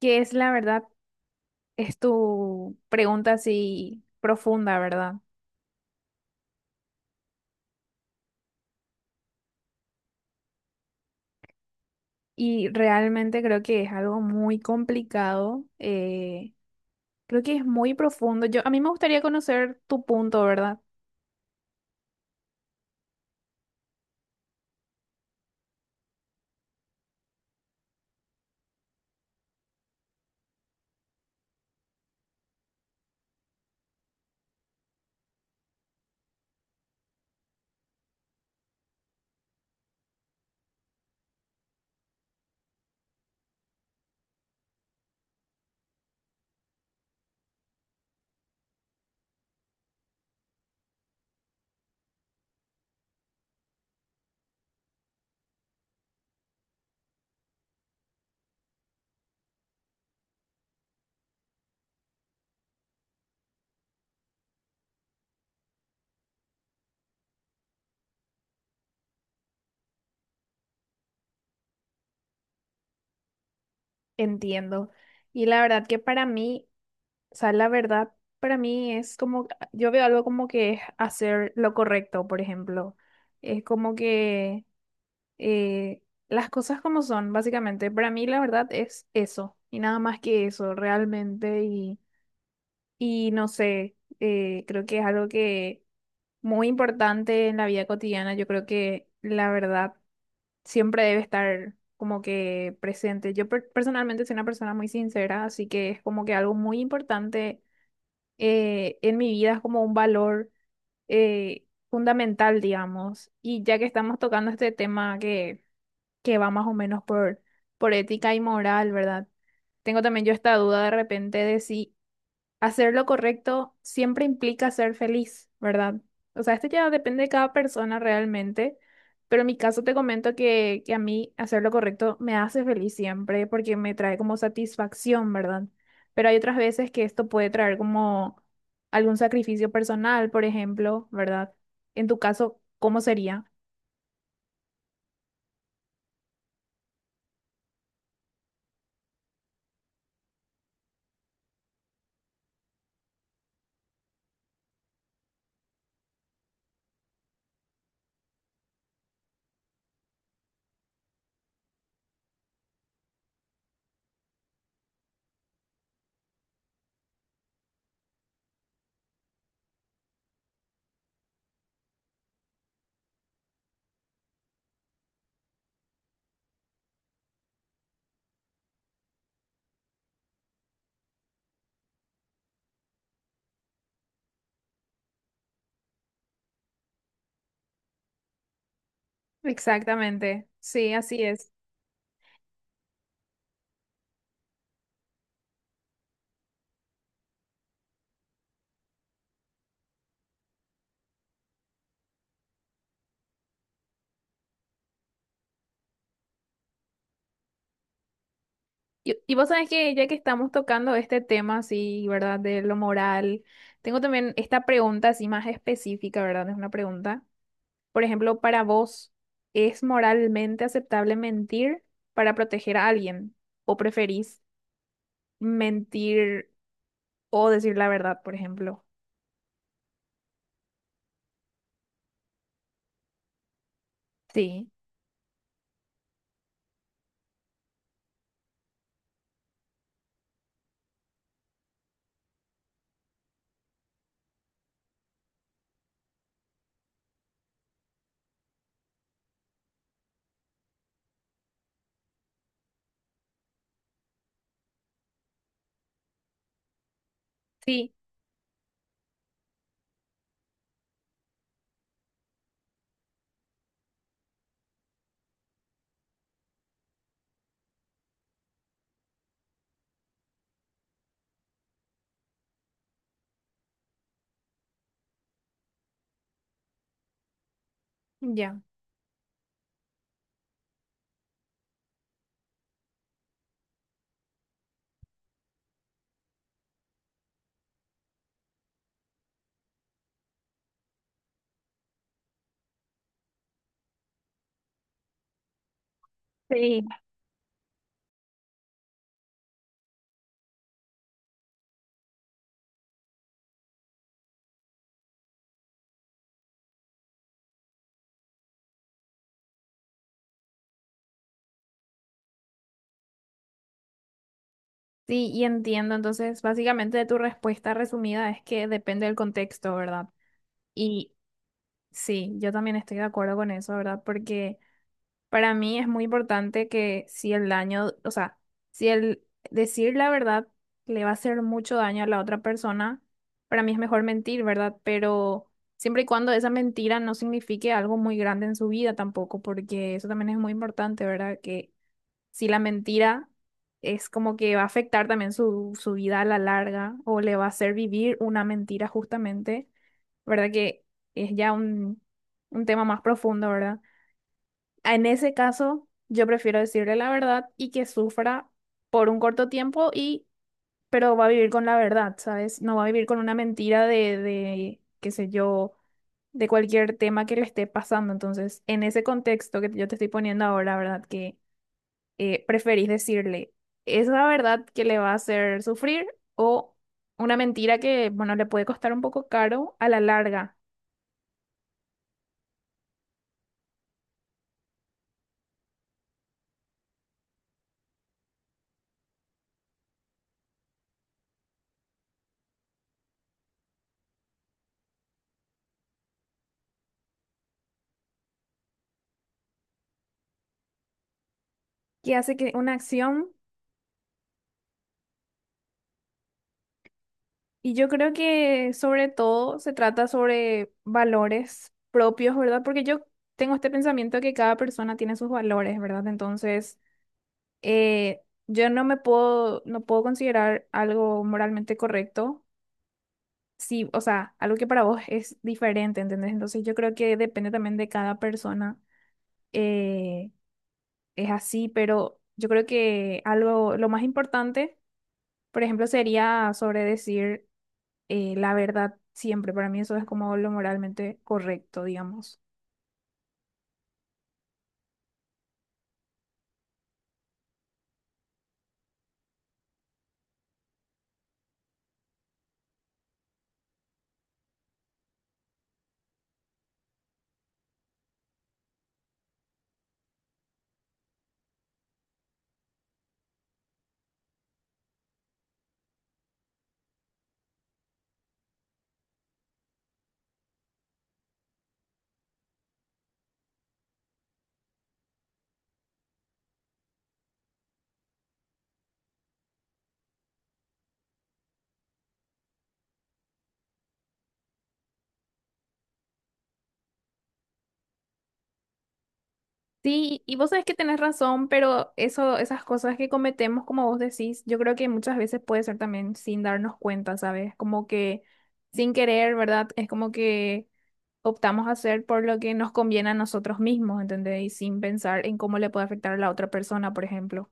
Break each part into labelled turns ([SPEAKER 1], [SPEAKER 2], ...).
[SPEAKER 1] Que es la verdad? Es tu pregunta así profunda, ¿verdad? Y realmente creo que es algo muy complicado, creo que es muy profundo. Yo, a mí me gustaría conocer tu punto, ¿verdad? Entiendo. Y la verdad que para mí, o sea, la verdad para mí es como, yo veo algo como que es hacer lo correcto, por ejemplo. Es como que eh, las cosas como son, básicamente. Para mí la verdad es eso y nada más que eso realmente y no sé, creo que es algo que muy importante en la vida cotidiana. Yo creo que la verdad siempre debe estar como que presente. Yo personalmente soy una persona muy sincera, así que es como que algo muy importante en mi vida, es como un valor eh, fundamental, digamos. Y ya que estamos tocando este tema que va más o menos por ética y moral, ¿verdad? Tengo también yo esta duda de repente de si hacer lo correcto siempre implica ser feliz, ¿verdad? O sea, esto ya depende de cada persona realmente, pero en mi caso te comento que a mí hacer lo correcto me hace feliz siempre porque me trae como satisfacción, ¿verdad? Pero hay otras veces que esto puede traer como algún sacrificio personal, por ejemplo, ¿verdad? En tu caso, ¿cómo sería? Exactamente, sí, así es. Y vos sabés que ya que estamos tocando este tema así, ¿verdad? De lo moral, tengo también esta pregunta así más específica, ¿verdad? Es una pregunta. Por ejemplo, para vos, ¿es moralmente aceptable mentir para proteger a alguien? ¿O preferís mentir o decir la verdad, por ejemplo? Sí, sí, ya. Sí, sí, y entiendo. Entonces, básicamente de tu respuesta resumida es que depende del contexto, ¿verdad? Y sí, yo también estoy de acuerdo con eso, ¿verdad? Porque... para mí es muy importante que si el daño, o sea, si el decir la verdad le va a hacer mucho daño a la otra persona, para mí es mejor mentir, ¿verdad? Pero siempre y cuando esa mentira no signifique algo muy grande en su vida tampoco, porque eso también es muy importante, ¿verdad? Que si la mentira es como que va a afectar también su vida a la larga o le va a hacer vivir una mentira justamente, ¿verdad? Que es ya un tema más profundo, ¿verdad? En ese caso, yo prefiero decirle la verdad y que sufra por un corto tiempo y, pero va a vivir con la verdad, ¿sabes? No va a vivir con una mentira de, qué sé yo, de cualquier tema que le esté pasando. Entonces, en ese contexto que yo te estoy poniendo ahora, ¿verdad? Que preferís decirle esa verdad que le va a hacer sufrir o una mentira que, bueno, le puede costar un poco caro a la larga, que hace que una acción. Y yo creo que sobre todo se trata sobre valores propios, ¿verdad? Porque yo tengo este pensamiento que cada persona tiene sus valores, ¿verdad? Entonces, yo no me puedo, no puedo considerar algo moralmente correcto, sí, o sea, algo que para vos es diferente, ¿entendés? Entonces, yo creo que depende también de cada persona, eh, es así, pero yo creo que algo, lo más importante, por ejemplo, sería sobre decir la verdad siempre. Para mí eso es como lo moralmente correcto, digamos. Sí, y vos sabés que tenés razón, pero eso, esas cosas que cometemos, como vos decís, yo creo que muchas veces puede ser también sin darnos cuenta, ¿sabes? Como que sin querer, ¿verdad? Es como que optamos a hacer por lo que nos conviene a nosotros mismos, ¿entendés? Y sin pensar en cómo le puede afectar a la otra persona, por ejemplo.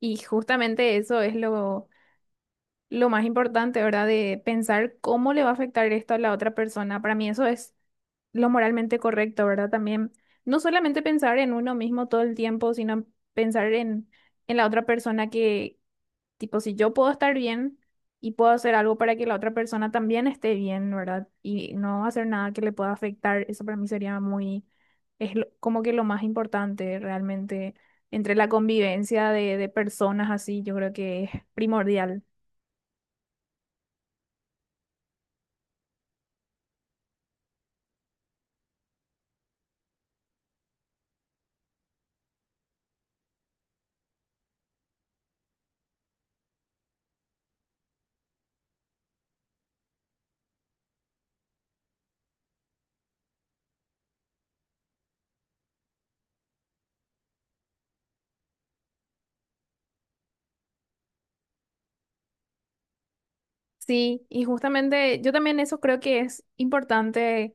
[SPEAKER 1] Y justamente eso es lo más importante, ¿verdad? De pensar cómo le va a afectar esto a la otra persona. Para mí eso es lo moralmente correcto, ¿verdad? También no solamente pensar en uno mismo todo el tiempo, sino pensar en la otra persona que, tipo, si yo puedo estar bien y puedo hacer algo para que la otra persona también esté bien, ¿verdad? Y no hacer nada que le pueda afectar, eso para mí sería muy, es lo- como que lo más importante realmente entre la convivencia de personas así, yo creo que es primordial. Sí, y justamente yo también eso creo que es importante.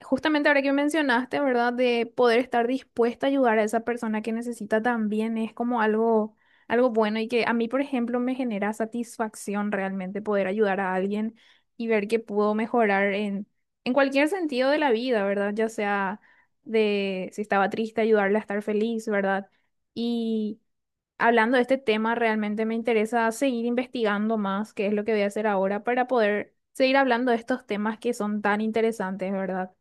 [SPEAKER 1] Justamente ahora que mencionaste, ¿verdad? De poder estar dispuesta a ayudar a esa persona que necesita también es como algo, algo bueno y que a mí, por ejemplo, me genera satisfacción realmente poder ayudar a alguien y ver que pudo mejorar en cualquier sentido de la vida, ¿verdad? Ya sea de si estaba triste, ayudarle a estar feliz, ¿verdad? Y hablando de este tema, realmente me interesa seguir investigando más, qué es lo que voy a hacer ahora para poder seguir hablando de estos temas que son tan interesantes, ¿verdad?